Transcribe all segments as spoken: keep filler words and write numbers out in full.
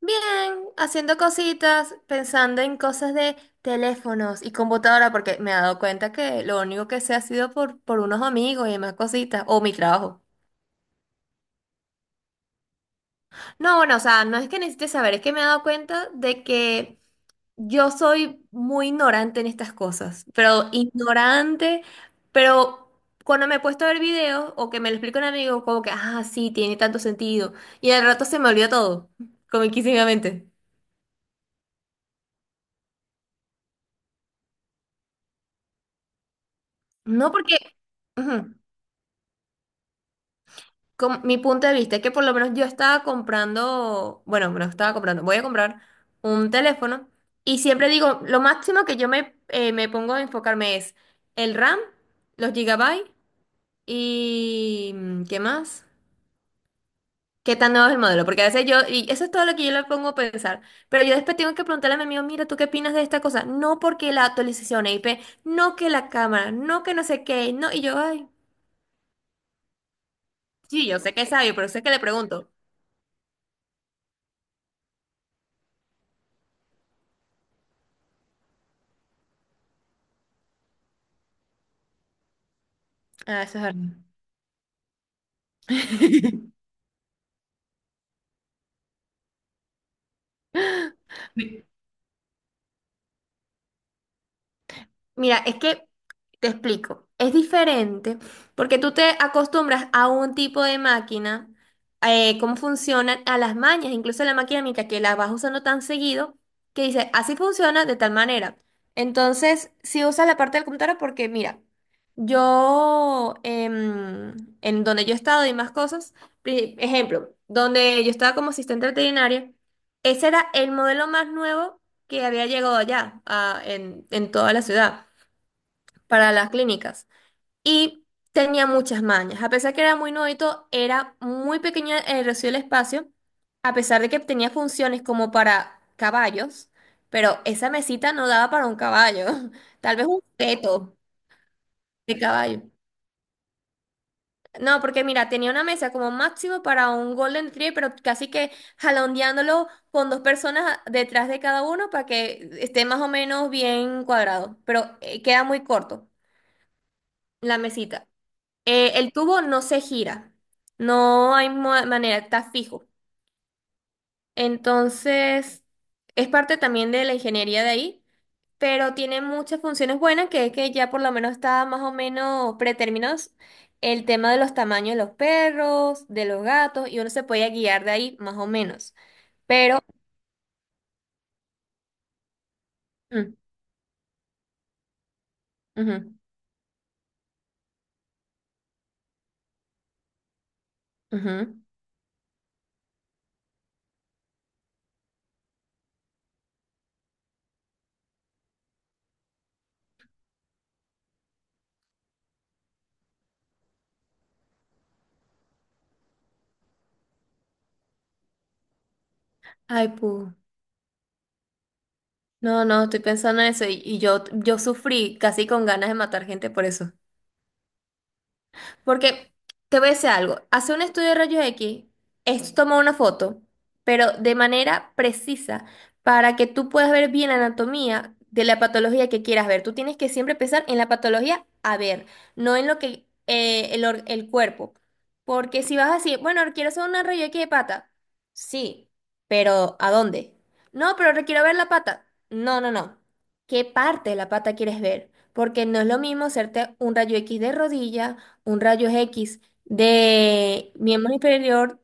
Bien, haciendo cositas, pensando en cosas de teléfonos y computadora, porque me he dado cuenta que lo único que sé ha sido por, por unos amigos y demás cositas, o mi trabajo. No, bueno, o sea, no es que necesite saber, es que me he dado cuenta de que yo soy muy ignorante en estas cosas, pero ignorante, pero cuando me he puesto a ver videos o que me lo explica un amigo, como que, ah, sí, tiene tanto sentido, y al rato se me olvida todo, comiquísimamente. No porque. Ujú. Como- mi punto de vista es que por lo menos yo estaba comprando, bueno, no estaba comprando, voy a comprar un teléfono y siempre digo, lo máximo que yo me, eh, me pongo a enfocarme es el RAM, los gigabytes y mm, ¿qué más? ¿Qué tan nuevo es el modelo? Porque a veces yo, y eso es todo lo que yo le pongo a pensar, pero yo después tengo que preguntarle a mi amigo, mira, ¿tú qué opinas de esta cosa? No, porque la actualización I P, no que la cámara, no que no sé qué, no, y yo, ay, sí, yo sé que es sabio, pero sé que le pregunto. Ah, eso es verdad. Me, Mira, es que te explico, es diferente porque tú te acostumbras a un tipo de máquina, eh, cómo funcionan, a las mañas, incluso la maquinita que la vas usando tan seguido, que dice, así funciona de tal manera. Entonces, si usas la parte del computador porque mira, yo, em, en donde yo he estado y más cosas, pri- ejemplo, donde yo estaba como asistente veterinaria, ese era el modelo más nuevo que había llegado allá, a- en, en toda la ciudad para las clínicas. Y tenía muchas mañas. A pesar que era muy nuevito, era muy pequeño el reducido el espacio, a pesar de que tenía funciones como para caballos, pero esa mesita no daba para un caballo, tal vez un feto de caballo. No, porque mira, tenía una mesa como máximo para un Golden Retriever, pero casi que jalondeándolo con dos personas detrás de cada uno para que esté más o menos bien cuadrado, pero eh, queda muy corto la mesita. Eh, el tubo no se gira, no hay mo- manera, está fijo. Entonces, es parte también de la ingeniería de ahí, pero tiene muchas funciones buenas, que es que ya por lo menos está más o menos predeterminado el tema de los tamaños de los perros, de los gatos, y uno se puede guiar de ahí más o menos. Pero, mm, ujú, ujú. Ay, pu. No, no, estoy pensando en eso y, y yo, yo sufrí casi con ganas de matar gente por eso. Porque te voy a decir algo, hacer un estudio de rayos X es tomar una foto, pero de manera precisa, para que tú puedas ver bien la anatomía de la patología que quieras ver. Tú tienes que siempre pensar en la patología a ver, no en lo que eh, el, or- el cuerpo. Porque si vas a decir, bueno, quiero hacer una rayos X de pata, sí, pero ¿a dónde? No, pero quiero ver la pata. No, no, no. ¿Qué parte de la pata quieres ver? Porque no es lo mismo hacerte un rayo X de rodilla, un rayo X de miembro inferior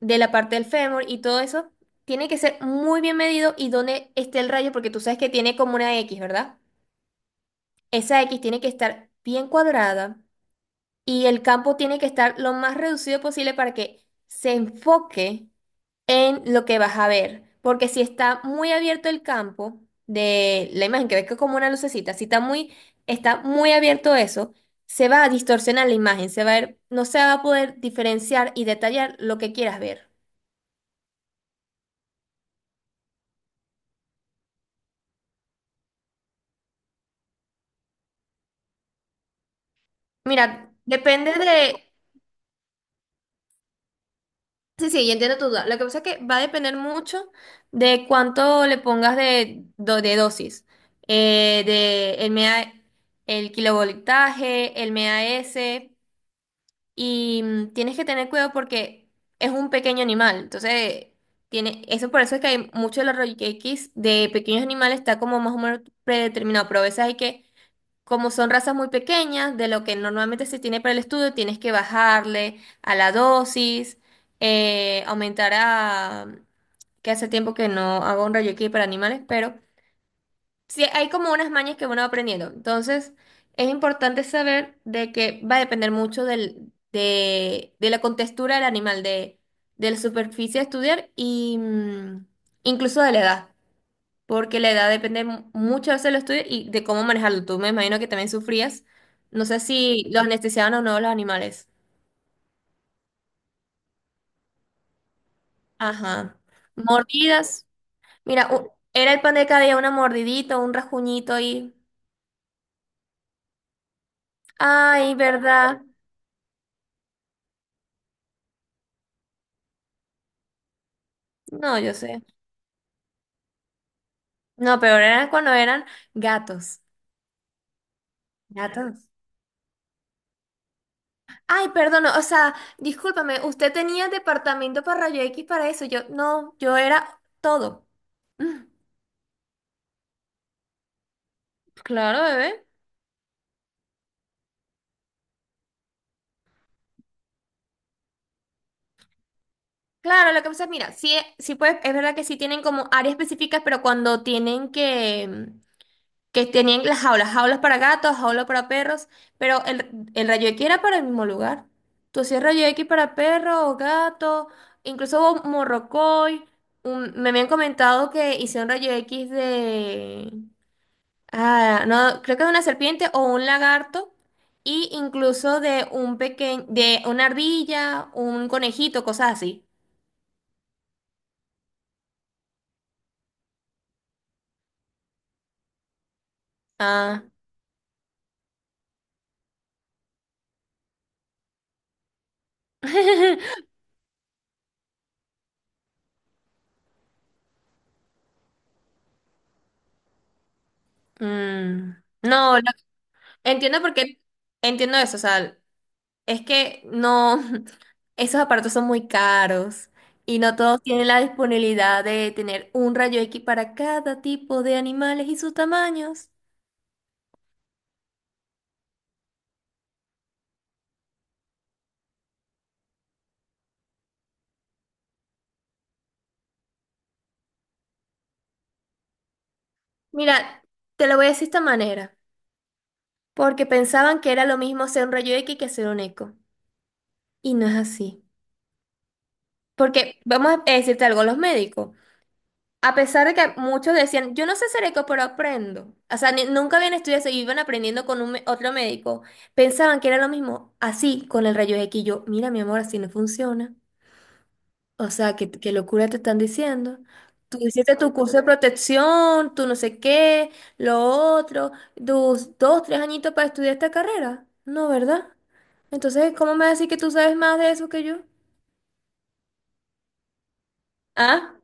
de la parte del fémur, y todo eso tiene que ser muy bien medido y dónde esté el rayo, porque tú sabes que tiene como una X, ¿verdad? Esa X tiene que estar bien cuadrada y el campo tiene que estar lo más reducido posible para que se enfoque en lo que vas a ver. Porque si está muy abierto el campo de la imagen, que ves que es como una lucecita, si está muy, está muy abierto eso, se va a distorsionar la imagen, se va a ver, no se va a poder diferenciar y detallar lo que quieras ver. Mira, depende de. Sí, sí, yo entiendo tu duda. Lo que pasa es que va a depender mucho de cuánto le pongas de, do- de dosis, eh, de el, mea- el kilovoltaje, el M A S. Y mm, tienes que tener cuidado porque es un pequeño animal. Entonces, tiene, eso por eso es que hay mucho de los royqueques de pequeños animales está como más o menos predeterminado. Pero a veces hay que, como son razas muy pequeñas, de lo que normalmente se tiene para el estudio, tienes que bajarle a la dosis, eh, aumentar a. Que hace tiempo que no hago un royqueque para animales, pero sí, hay como unas mañas que uno va aprendiendo. Entonces, es importante saber de que va a depender mucho del, de, de la contextura del animal, de, de la superficie a estudiar y mm, incluso de la edad, porque la edad depende mu- muchas veces de lo estudio y de cómo manejarlo. Tú, me imagino que también sufrías. No sé si los anestesiaban o no los animales. Ajá. Mordidas. Mira, u- era el pan de cada día una mordidita, un rasguñito y. Ay, ¿verdad? No, yo sé. No, pero era cuando eran gatos. Gatos. Ay, perdón, o sea, discúlpame, usted tenía departamento para rayo X para eso. Yo, no, yo era todo. Mm, claro, bebé. Claro, lo que pasa, es mira, sí, sí pues, es verdad que sí tienen como áreas específicas, pero cuando tienen que, que, tenían las jaulas, jaulas para gatos, jaulas para perros, pero el, el rayo X era para el mismo lugar. Tú hacías rayo X para perro o gato, incluso hubo morrocoy. Un- me habían comentado que hicieron rayo X de. Ah, no, creo que de una serpiente o un lagarto, y incluso de un pequeño, de una ardilla, un conejito, cosas así. Ah. Mm, no, lo- entiendo por qué, entiendo eso, o sea, es que no, esos aparatos son muy caros y no todos tienen la disponibilidad de tener un rayo X para cada tipo de animales y sus tamaños. Mira, te lo voy a decir de esta manera, porque pensaban que era lo mismo hacer un rayo X que hacer un eco. Y no es así. Porque vamos a decirte algo, los médicos. A pesar de que muchos decían, yo no sé Sereco, pero aprendo. O sea, ni- nunca habían estudiado eso y iban aprendiendo con un, mé- otro médico. Pensaban que era lo mismo, así, con el rayo X. Y yo, mira, mi amor, así no funciona. O sea, qué, qué locura te están diciendo. Tú hiciste tu curso de protección, tú no sé qué, lo otro, tus dos, tres añitos para estudiar esta carrera. No, ¿verdad? Entonces, ¿cómo me vas a decir que tú sabes más de eso que yo? ¿Ah?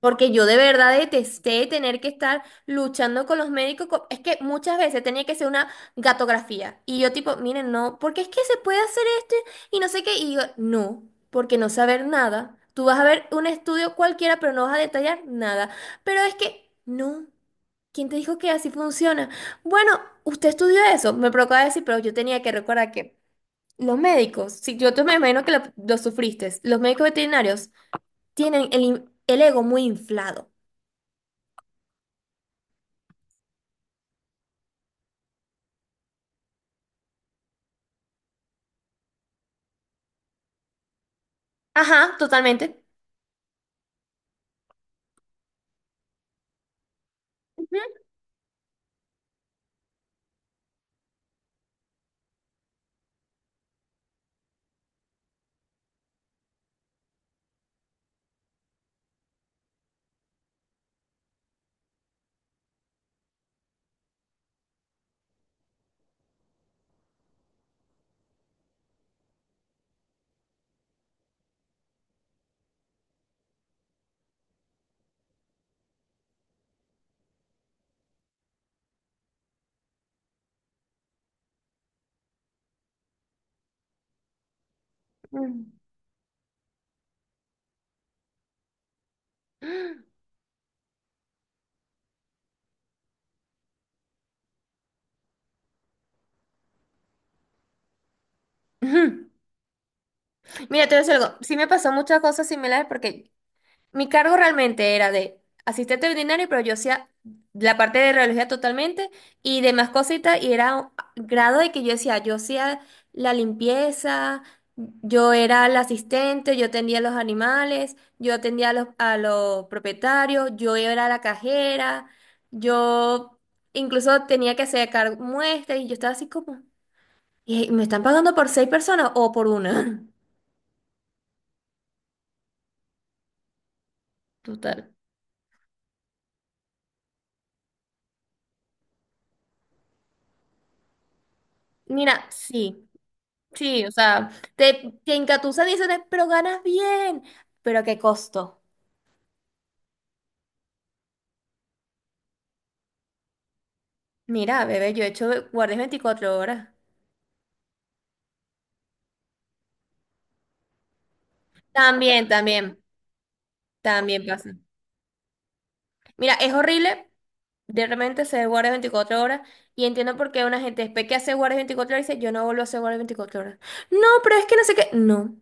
Porque yo de verdad detesté tener que estar luchando con los médicos. co- Es que muchas veces tenía que ser una gatografía. Y yo tipo, miren, no, porque es que se puede hacer esto y no sé qué. Y yo, no, porque no saber nada. Tú vas a ver un estudio cualquiera, pero no vas a detallar nada. Pero es que, no. ¿Quién te dijo que así funciona? Bueno, usted estudió eso. Me provocaba decir, pero yo tenía que recordar que los médicos, si yo te, me imagino que lo, lo sufriste, los médicos veterinarios tienen el, in- el ego muy inflado. Ajá, totalmente. Ujú. Ujú. Mira, te voy a decir algo. Sí me pasó muchas cosas similares porque mi cargo realmente era de asistente veterinario, pero yo hacía la parte de radiología totalmente y demás cositas y era un grado de que yo decía, yo hacía la limpieza, yo era la asistente, yo atendía a los animales, yo atendía a los, a los propietarios, yo era la cajera, yo incluso tenía que hacer cargo muestras y yo estaba así como. Y me están pagando por seis personas o por una. Total. Mira, sí, sí, o sea, te, te engatusan y dicen, pero ganas bien. ¿Pero a qué costo? Mira, bebé, yo he hecho guardias veinticuatro horas. También, también, también pasa. Mira, es horrible de repente hacer guardias veinticuatro horas y entiendo por qué una gente después que hace guardias veinticuatro horas dice, yo no vuelvo a hacer guardias veinticuatro horas. No, pero es que no sé qué. No.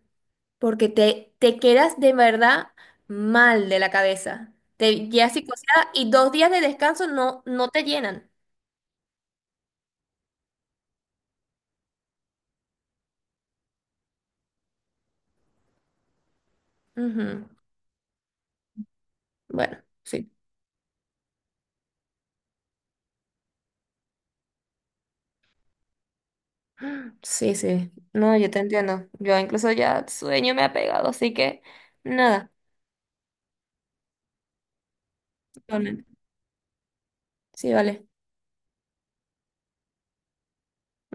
Porque te, te quedas de verdad mal de la cabeza. Te quedas psicoseada y dos días de descanso no, no te llenan. Ujú. Bueno, sí. Sí, sí. No, yo te entiendo. Yo incluso ya sueño me ha pegado, así que nada. Totalmente. Sí, vale.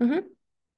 Ujú.